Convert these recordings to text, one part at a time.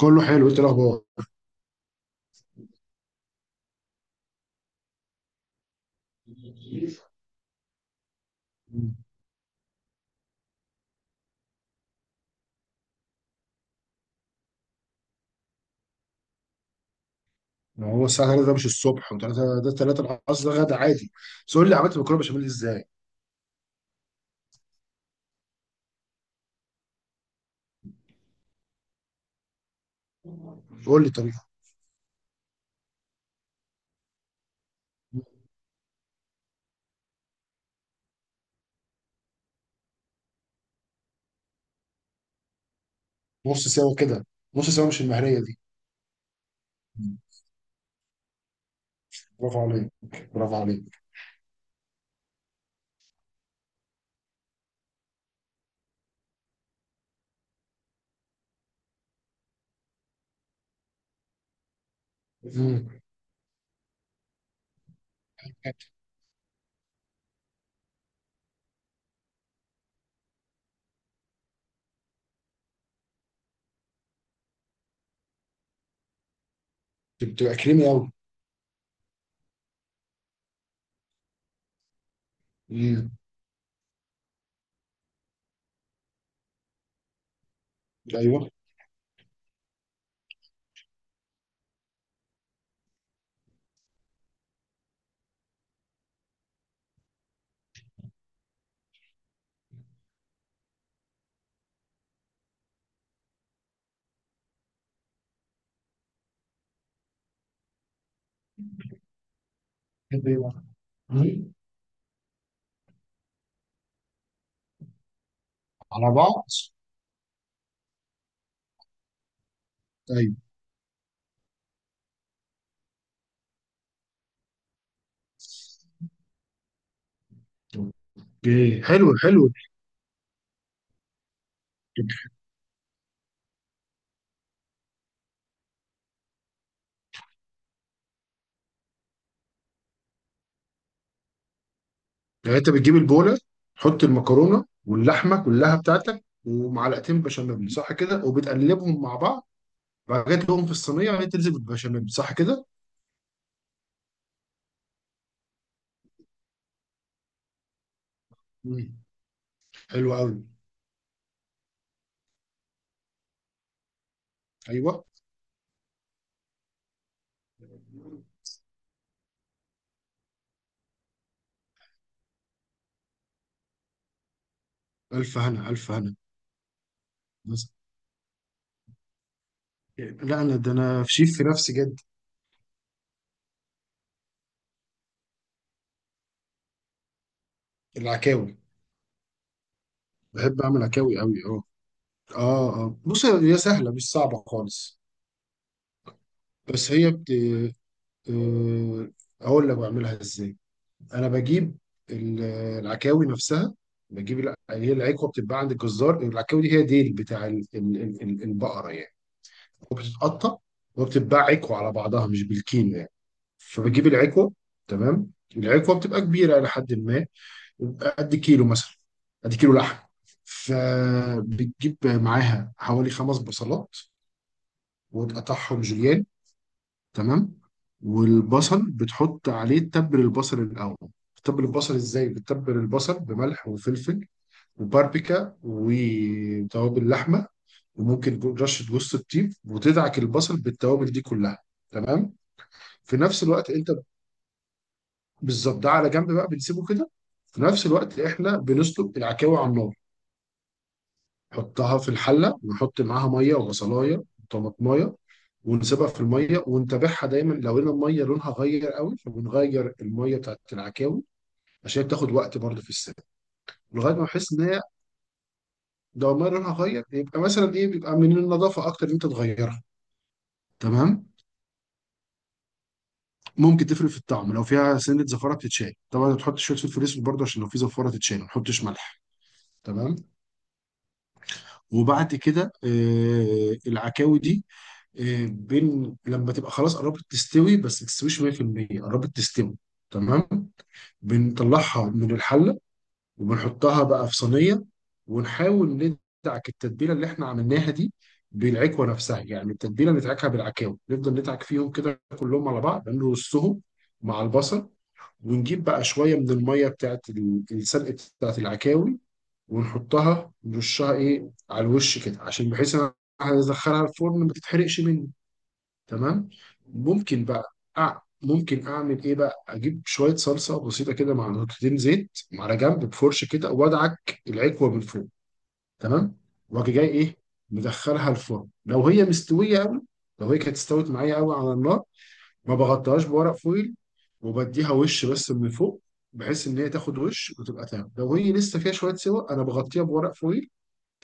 كله حلو، انت الاخبار؟ ما هو الساعه 3 ده مش الصبح، و3 ده 3 العصر، ده غدا عادي. بس قول لي عملت مكرونه بشاميل ازاي؟ قول لي طريقه. نص سوا كده. نص سوا، مش المهريه دي. مم. برافو عليك. برافو عليك. مم. بتبقى كريمي قوي. ايوه. بتحب ايه بقى؟ مم. على بعض. ايوه. اوكي، حلو حلو. يعني انت بتجيب البوله، تحط المكرونه واللحمه كلها بتاعتك ومعلقتين بشاميل، صح كده؟ وبتقلبهم مع بعض. بقيت لهم في الصينيه وهي تنزل بالبشاميل، صح كده؟ مم. حلو قوي. ايوه. الف هنا، الف هنا. بس. لا، انا ده انا في شيف في نفسي جد. العكاوي. بحب اعمل عكاوي قوي، اه. اه، اه، بص هي سهله مش صعبه خالص. بس هي بت آه، اقول لك بعملها ازاي. انا بجيب ال- العكاوي نفسها. هي العكوه بتتباع عند الجزار. العكاوي دي هي ديل بتاع البقره يعني. وبتتقطع، وبتتباع عكوه على بعضها، مش بالكيلو يعني. فبجيب العكوه. تمام. العكوه بتبقى كبيره الى حد ما. بيبقى قد كيلو مثلا. قد كيلو لحم. فبتجيب معاها حوالي خمس بصلات، وتقطعهم جوليان. تمام. والبصل بتحط عليه تبل، البصل الاول. بتتبل البصل ازاي؟ بتتبل البصل بملح وفلفل وباربيكا وتوابل لحمه، وممكن رشه جوز الطيب، وتدعك البصل بالتوابل دي كلها. تمام. في نفس الوقت انت، بالظبط، ده على جنب بقى، بنسيبه كده. في نفس الوقت احنا بنسلق العكاوي على النار. نحطها في الحله، ونحط معاها ميه وبصلايه وطماطمايه. ونسيبها في الميه، ونتابعها دايما، لو لقينا الميه لونها غير قوي فبنغير الميه بتاعت العكاوي، عشان بتاخد وقت برضه في السلق. لغايه ما نحس ان هي، لو الميه لونها غير يبقى مثلا ايه، بيبقى من النظافه اكتر ان انت تغيرها. تمام. ممكن تفرق في الطعم، لو فيها سنه زفاره بتتشال طبعا، تحط شويه فلفل اسود برضه عشان لو في زفاره تتشال، ما تحطش ملح. تمام. وبعد كده، العكاوي دي، بين لما تبقى خلاص قربت تستوي، بس ما تستويش 100%، قربت تستوي. تمام. بنطلعها من الحله، وبنحطها بقى في صينيه، ونحاول ندعك التتبيله اللي احنا عملناها دي بالعكوه نفسها. يعني التتبيله ندعكها بالعكاوي، نفضل ندعك فيهم كده كلهم على بعض، نرصهم مع البصل. ونجيب بقى شويه من الميه بتاعت السلق، بتاعت العكاوي. ونحطها، نرشها ايه على الوش كده، عشان بحيث انا هدخلها الفرن ما تتحرقش مني. تمام. ممكن اعمل ايه بقى، اجيب شويه صلصه بسيطه كده مع نقطتين زيت على جنب، بفرشه كده وادعك العكوه من فوق. تمام. واجي جاي ايه، مدخلها الفرن لو هي مستويه قوي. لو هي كانت استوت معايا قوي على النار، ما بغطيهاش بورق فويل، وبديها وش بس من فوق، بحيث ان هي تاخد وش وتبقى تمام. لو هي لسه فيها شويه سوا، انا بغطيها بورق فويل،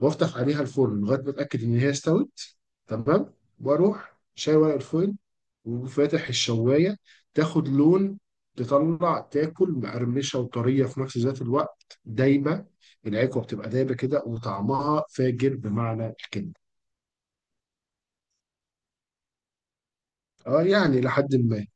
وافتح عليها الفرن لغايه ما اتاكد ان هي استوت. تمام. واروح شايل ورق الفويل، وفاتح الشوايه، تاخد لون، تطلع تاكل مقرمشه وطريه في نفس ذات الوقت، دايبه. العكوه بتبقى دايبه كده، وطعمها فاجر بمعنى الكلمه. اه، يعني لحد ما.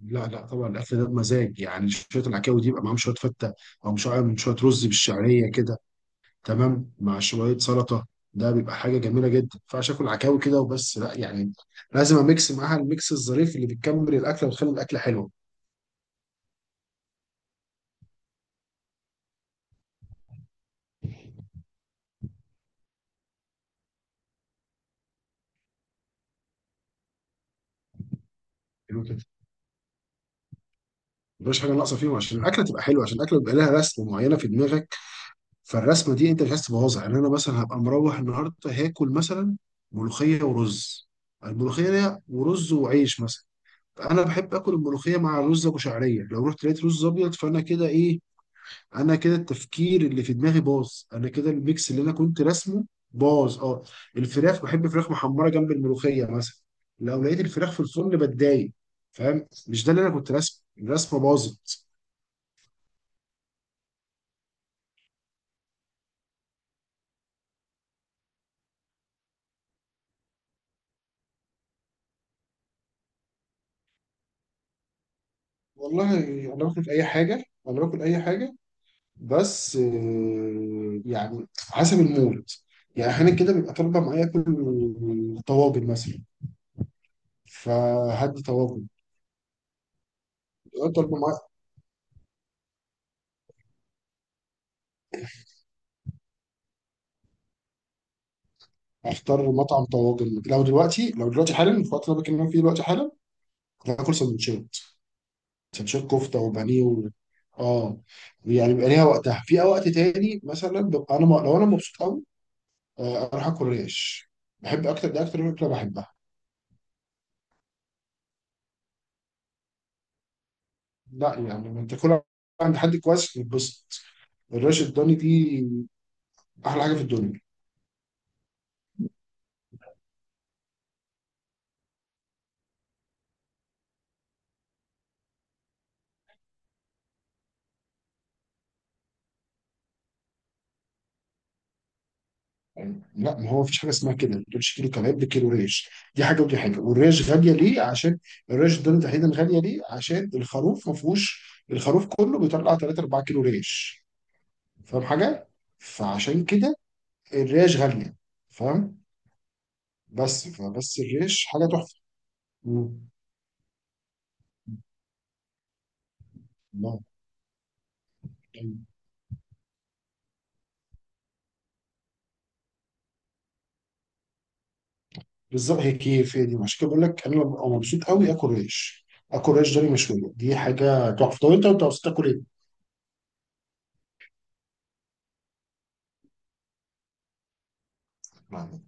لا، لا، طبعا الاكل ده بمزاج يعني شويه. العكاوي دي يبقى معاهم شويه فته، او مش عارف، شويه رز بالشعريه كده. تمام، مع شويه سلطه. ده بيبقى حاجه جميله جدا. ما ينفعش اكل عكاوي كده وبس، لا يعني. لازم اميكس معاها الميكس الظريف اللي بيكمل الاكله وتخلي الاكله حلوه. حلو كده. مفيش حاجه ناقصه فيهم عشان الاكله تبقى حلوه، عشان الاكله بيبقى لها رسمه معينه في دماغك. فالرسمه دي انت مش عايز تبوظها. يعني انا مثلا هبقى مروح النهارده، هاكل مثلا ملوخيه ورز. الملوخيه ورز وعيش مثلا. انا بحب اكل الملوخيه مع الرز ابو شعريه. لو رحت لقيت رز ابيض، فانا كده ايه، انا كده التفكير اللي في دماغي باظ، انا كده الميكس اللي انا كنت راسمه باظ، اه. الفراخ، بحب فراخ محمره جنب الملوخيه مثلا. لو لقيت الفراخ في الفرن بتضايق. فاهم؟ مش ده اللي انا كنت راسمه، الرسمه باظت. والله، انا باكل اي حاجه. انا باكل اي حاجه، بس يعني حسب المود. يعني احيانا كده بيبقى طالبه معايا اكل طواجن مثلا، فهدي طواجن. طالبه معايا. اختار مطعم طواجن. لو دلوقتي حالا، في الوقت اللي انا بكلمك فيه دلوقتي حالا، كنت هاكل سندوتشات. سندوتشات. كفته وبانيه اه يعني بيبقى ليها وقتها. في وقت تاني مثلا، ببقى انا لو انا مبسوط قوي، اروح اكل ريش. بحب اكتر، ده اكتر اكله بحبها. لا، يعني لما تاكلها عند حد كويس بتتبسط. الريش الضاني دي احلى حاجه في الدنيا. يعني لا، ما هو مفيش حاجه اسمها كده. ما تقولش كيلو كباب ده كيلو ريش، دي حاجه ودي حاجه. والريش غاليه ليه؟ عشان الريش الضاني تحديدا غاليه ليه؟ عشان الخروف ما فيهوش. الخروف كله بيطلع 3 4 كيلو ريش، فاهم حاجه؟ فعشان كده الريش غاليه، فاهم؟ بس فبس الريش حاجه تحفه. مم. الله. طيب. بالظبط هي كيف، هي دي عشان كده بقول لك انا ببقى مبسوط قوي اكل ريش. اكل ريش ضاني مشويه دي حاجه تحفه. طب انت مبسوط تاكل ايه؟ يعني،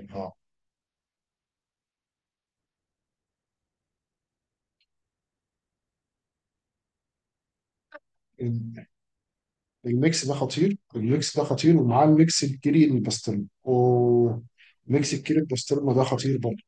اه ال- الميكس ده خطير. الميكس ده خطير، ومعاه الميكس الكيري البسطرمه، اوه. ميكس الكيري البسطرمه ده خطير برضه.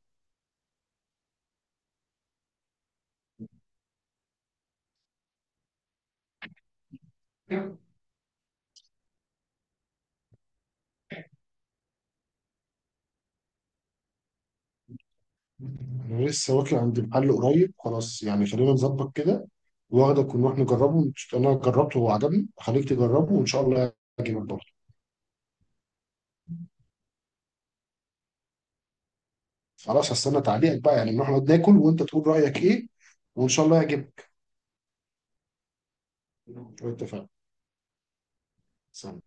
انا لسه واكل عند محل قريب خلاص، يعني خلينا نظبط كده، واخدك ونروح نجربه. انا جربته وعجبني، هخليك تجربه وان شاء الله يعجبك برضه. خلاص، هستنى تعليقك بقى، يعني نروح نقعد ناكل وانت تقول رايك ايه، وان شاء الله يعجبك. اتفقنا. سلام.